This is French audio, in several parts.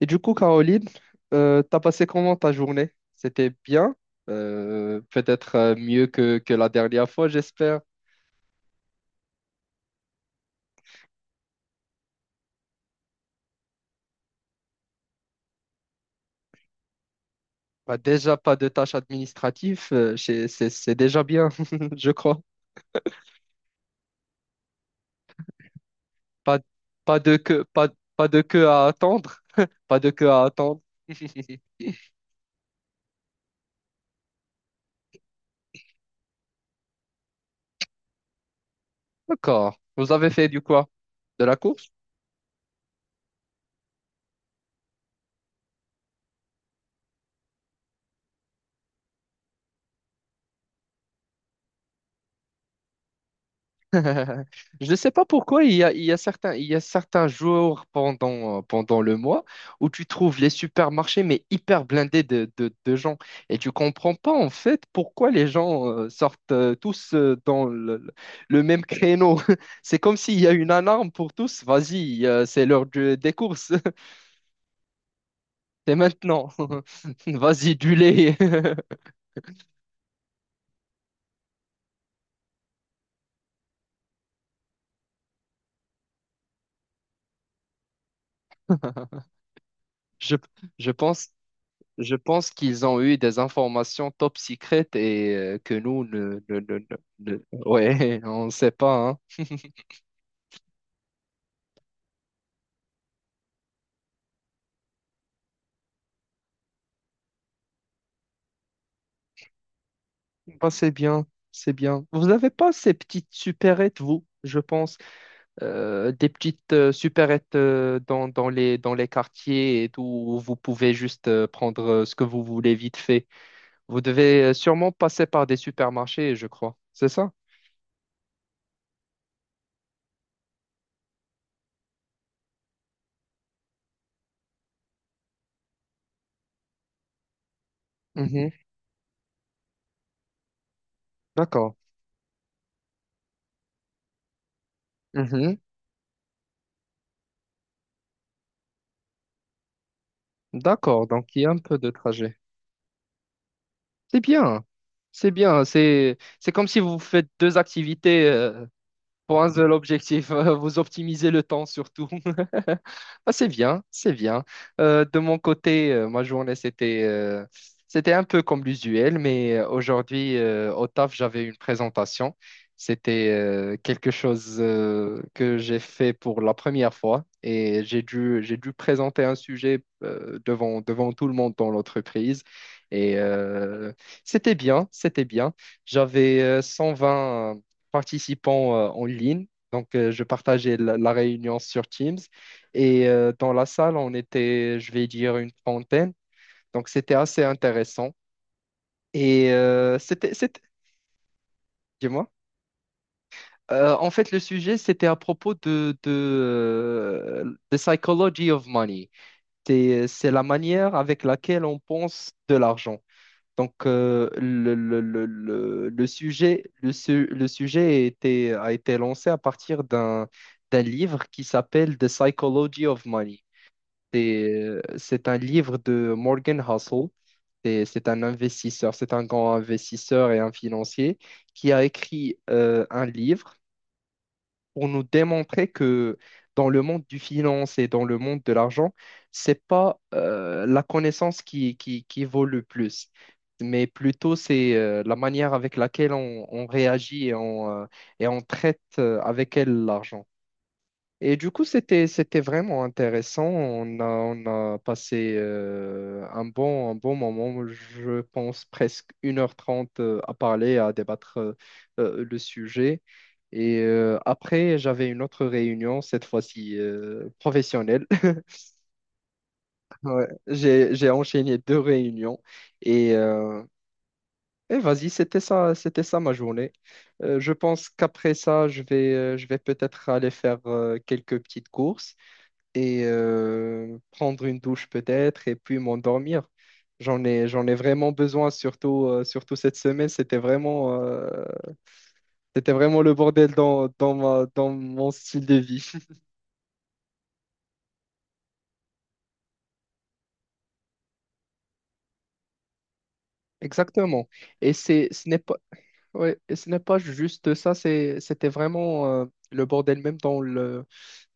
Et du coup, Caroline, t'as passé comment ta journée? C'était bien. Peut-être mieux que la dernière fois, j'espère. Bah, déjà, pas de tâches administratives, c'est déjà bien, je crois. Pas, pas de queue, pas de queue à attendre, pas de queue à attendre. D'accord. Vous avez fait du quoi? De la course? Je ne sais pas pourquoi il y a certains jours pendant, pendant le mois où tu trouves les supermarchés mais hyper blindés de gens. Et tu comprends pas en fait pourquoi les gens sortent tous dans le même créneau. C'est comme s'il y a une alarme pour tous. Vas-y, c'est des courses. C'est maintenant. Vas-y, du lait. Je, je pense. Je pense qu'ils ont eu des informations top secrètes et que nous, ouais, on ne sait pas, hein. Bah, c'est bien, c'est bien. Vous n'avez pas ces petites supérettes, vous, je pense, des petites supérettes dans les quartiers et tout, où vous pouvez juste prendre ce que vous voulez vite fait. Vous devez sûrement passer par des supermarchés, je crois. C'est ça? Mhm. D'accord. Mhm. D'accord, donc il y a un peu de trajet. C'est bien. C'est bien. C'est comme si vous faites deux activités pour un seul objectif, vous optimisez le temps surtout. Ah, c'est bien, c'est bien. De mon côté, ma journée, c'était un peu comme l'usuel, mais aujourd'hui, au taf, j'avais une présentation. C'était quelque chose que j'ai fait pour la première fois et j'ai dû présenter un sujet devant tout le monde dans l'entreprise. Et euh, C'était bien, c'était bien. J'avais 120 participants en ligne. Donc, je partageais la réunion sur Teams. Et dans la salle, on était, je vais dire, une trentaine. Donc, c'était assez intéressant. Et c'était, dis-moi. En fait, le sujet, c'était à propos euh, the psychology of money. C'est la manière avec laquelle on pense de l'argent. Donc, le sujet, le, su- le sujet a été lancé à partir d'un livre qui s'appelle The Psychology of Money. C'est un livre de Morgan Housel. C'est un investisseur, c'est un grand investisseur et un financier qui a écrit un livre pour nous démontrer que dans le monde du finance et dans le monde de l'argent, c'est pas la connaissance qui vaut le plus, mais plutôt c'est la manière avec laquelle on réagit et on traite avec elle l'argent. Et du coup, c'était vraiment intéressant. On a passé un bon moment, je pense presque une heure trente à parler, à débattre le sujet. Et après, j'avais une autre réunion, cette fois-ci professionnelle. Ouais, j'ai enchaîné deux réunions et, euh, et vas-y, c'était ça ma journée. Je pense qu'après ça, je vais peut-être aller faire quelques petites courses et prendre une douche peut-être et puis m'endormir. J'en ai vraiment besoin, surtout, surtout cette semaine. C'était vraiment le bordel dans mon style de vie. Exactement. Et ce n'est pas, ouais, et ce n'est pas juste ça, c'était vraiment le bordel même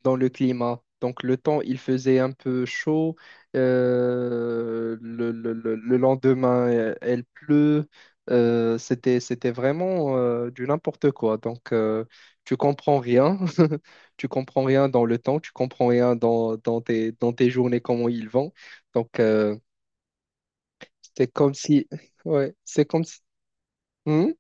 dans le climat. Donc le temps, il faisait un peu chaud. Euh, le lendemain, elle pleut. C'était vraiment du n'importe quoi. Donc tu comprends rien. Tu comprends rien dans le temps. Tu comprends rien dans tes journées, comment ils vont. Donc c'est comme si... Ouais, c'est comme si... Hmm,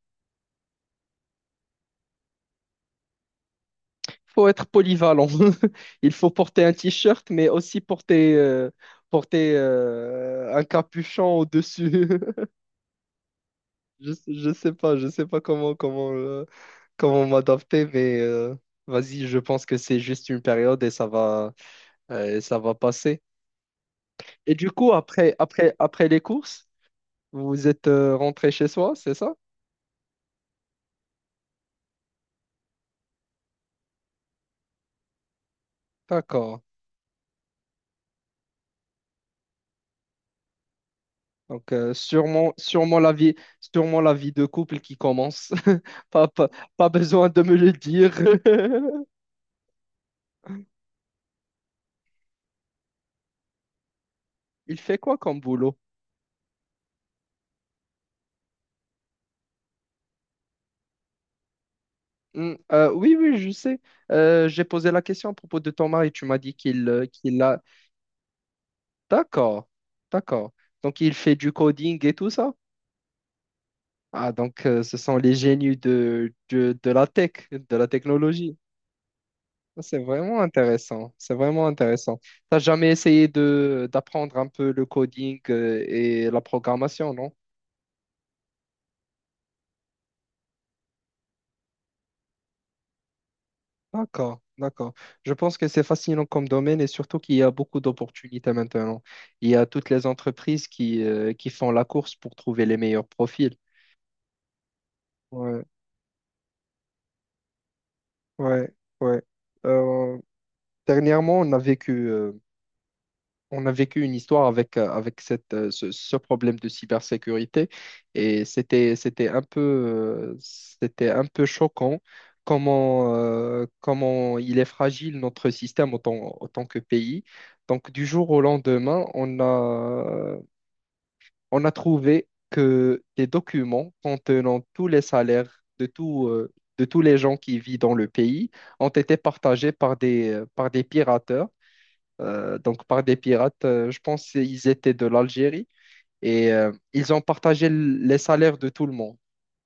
faut être polyvalent. Il faut porter un t-shirt, mais aussi porter, porter un capuchon au-dessus. Je sais pas comment m'adapter, mais vas-y, je pense que c'est juste une période et ça va passer. Et du coup, après les courses, vous êtes rentré chez soi, c'est ça? D'accord. Donc, sûrement la vie de couple qui commence. Pas, pas, pas besoin de me le dire. Il fait quoi comme boulot? Hmm, oui, oui, je sais. J'ai posé la question à propos de ton mari. Tu m'as dit qu'il qu'il a... D'accord, d'accord. Donc, il fait du coding et tout ça? Ah, donc, ce sont les génies de la tech, de la technologie. C'est vraiment intéressant. C'est vraiment intéressant. T'as jamais essayé de d'apprendre un peu le coding et la programmation, non? D'accord, d'accord. Je pense que c'est fascinant comme domaine et surtout qu'il y a beaucoup d'opportunités maintenant. Il y a toutes les entreprises qui font la course pour trouver les meilleurs profils. Ouais, ouais, ouais. Euh, dernièrement, on a vécu une histoire avec, ce problème de cybersécurité et c'était un peu choquant comment il est fragile notre système en tant que pays. Donc du jour au lendemain, on a trouvé que des documents contenant tous les salaires de tous les gens qui vivent dans le pays ont été partagés par des pirates donc par des pirates. Je pense qu'ils étaient de l'Algérie et ils ont partagé les salaires de tout le monde.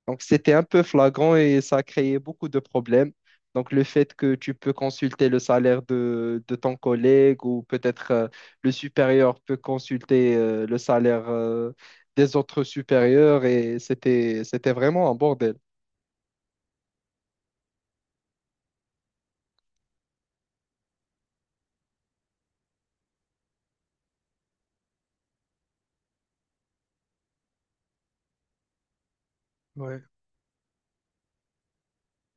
Donc c'était un peu flagrant et ça a créé beaucoup de problèmes. Donc le fait que tu peux consulter le salaire de ton collègue ou peut-être le supérieur peut consulter le salaire des autres supérieurs et c'était vraiment un bordel. Ouais,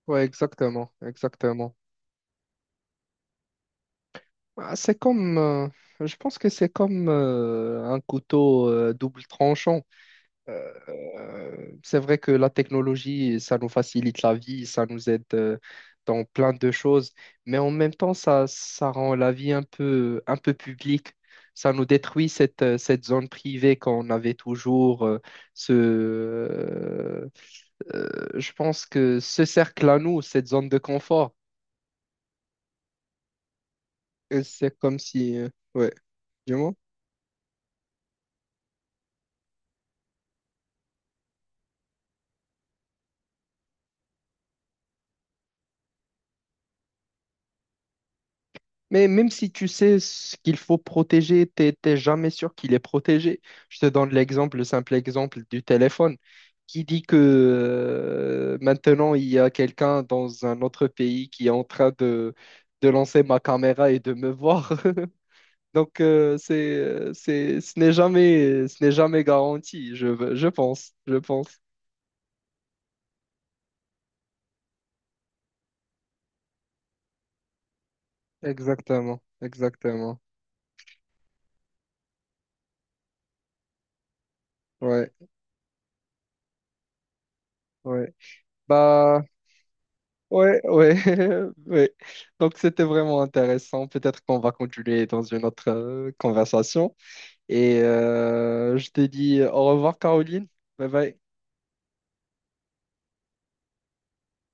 ouais, exactement, exactement. Ah, c'est comme, je pense que c'est comme un couteau double tranchant. C'est vrai que la technologie, ça nous facilite la vie, ça nous aide dans plein de choses, mais en même temps, ça rend la vie un peu publique. Ça nous détruit cette, cette zone privée qu'on avait toujours, ce, euh, euh, je pense que ce cercle à nous, cette zone de confort. Et c'est comme si, ouais, mais même si tu sais ce qu'il faut protéger, t'es jamais sûr qu'il est protégé. Je te donne l'exemple, le simple exemple du téléphone. Qui dit que maintenant il y a quelqu'un dans un autre pays qui est en train de lancer ma caméra et de me voir? Donc ce n'est jamais garanti, je pense, je pense. Exactement, exactement. Ouais, ouais. Bah, ouais, ouais, ouais. Donc c'était vraiment intéressant. Peut-être qu'on va continuer dans une autre conversation. Et je te dis au revoir, Caroline. Bye bye.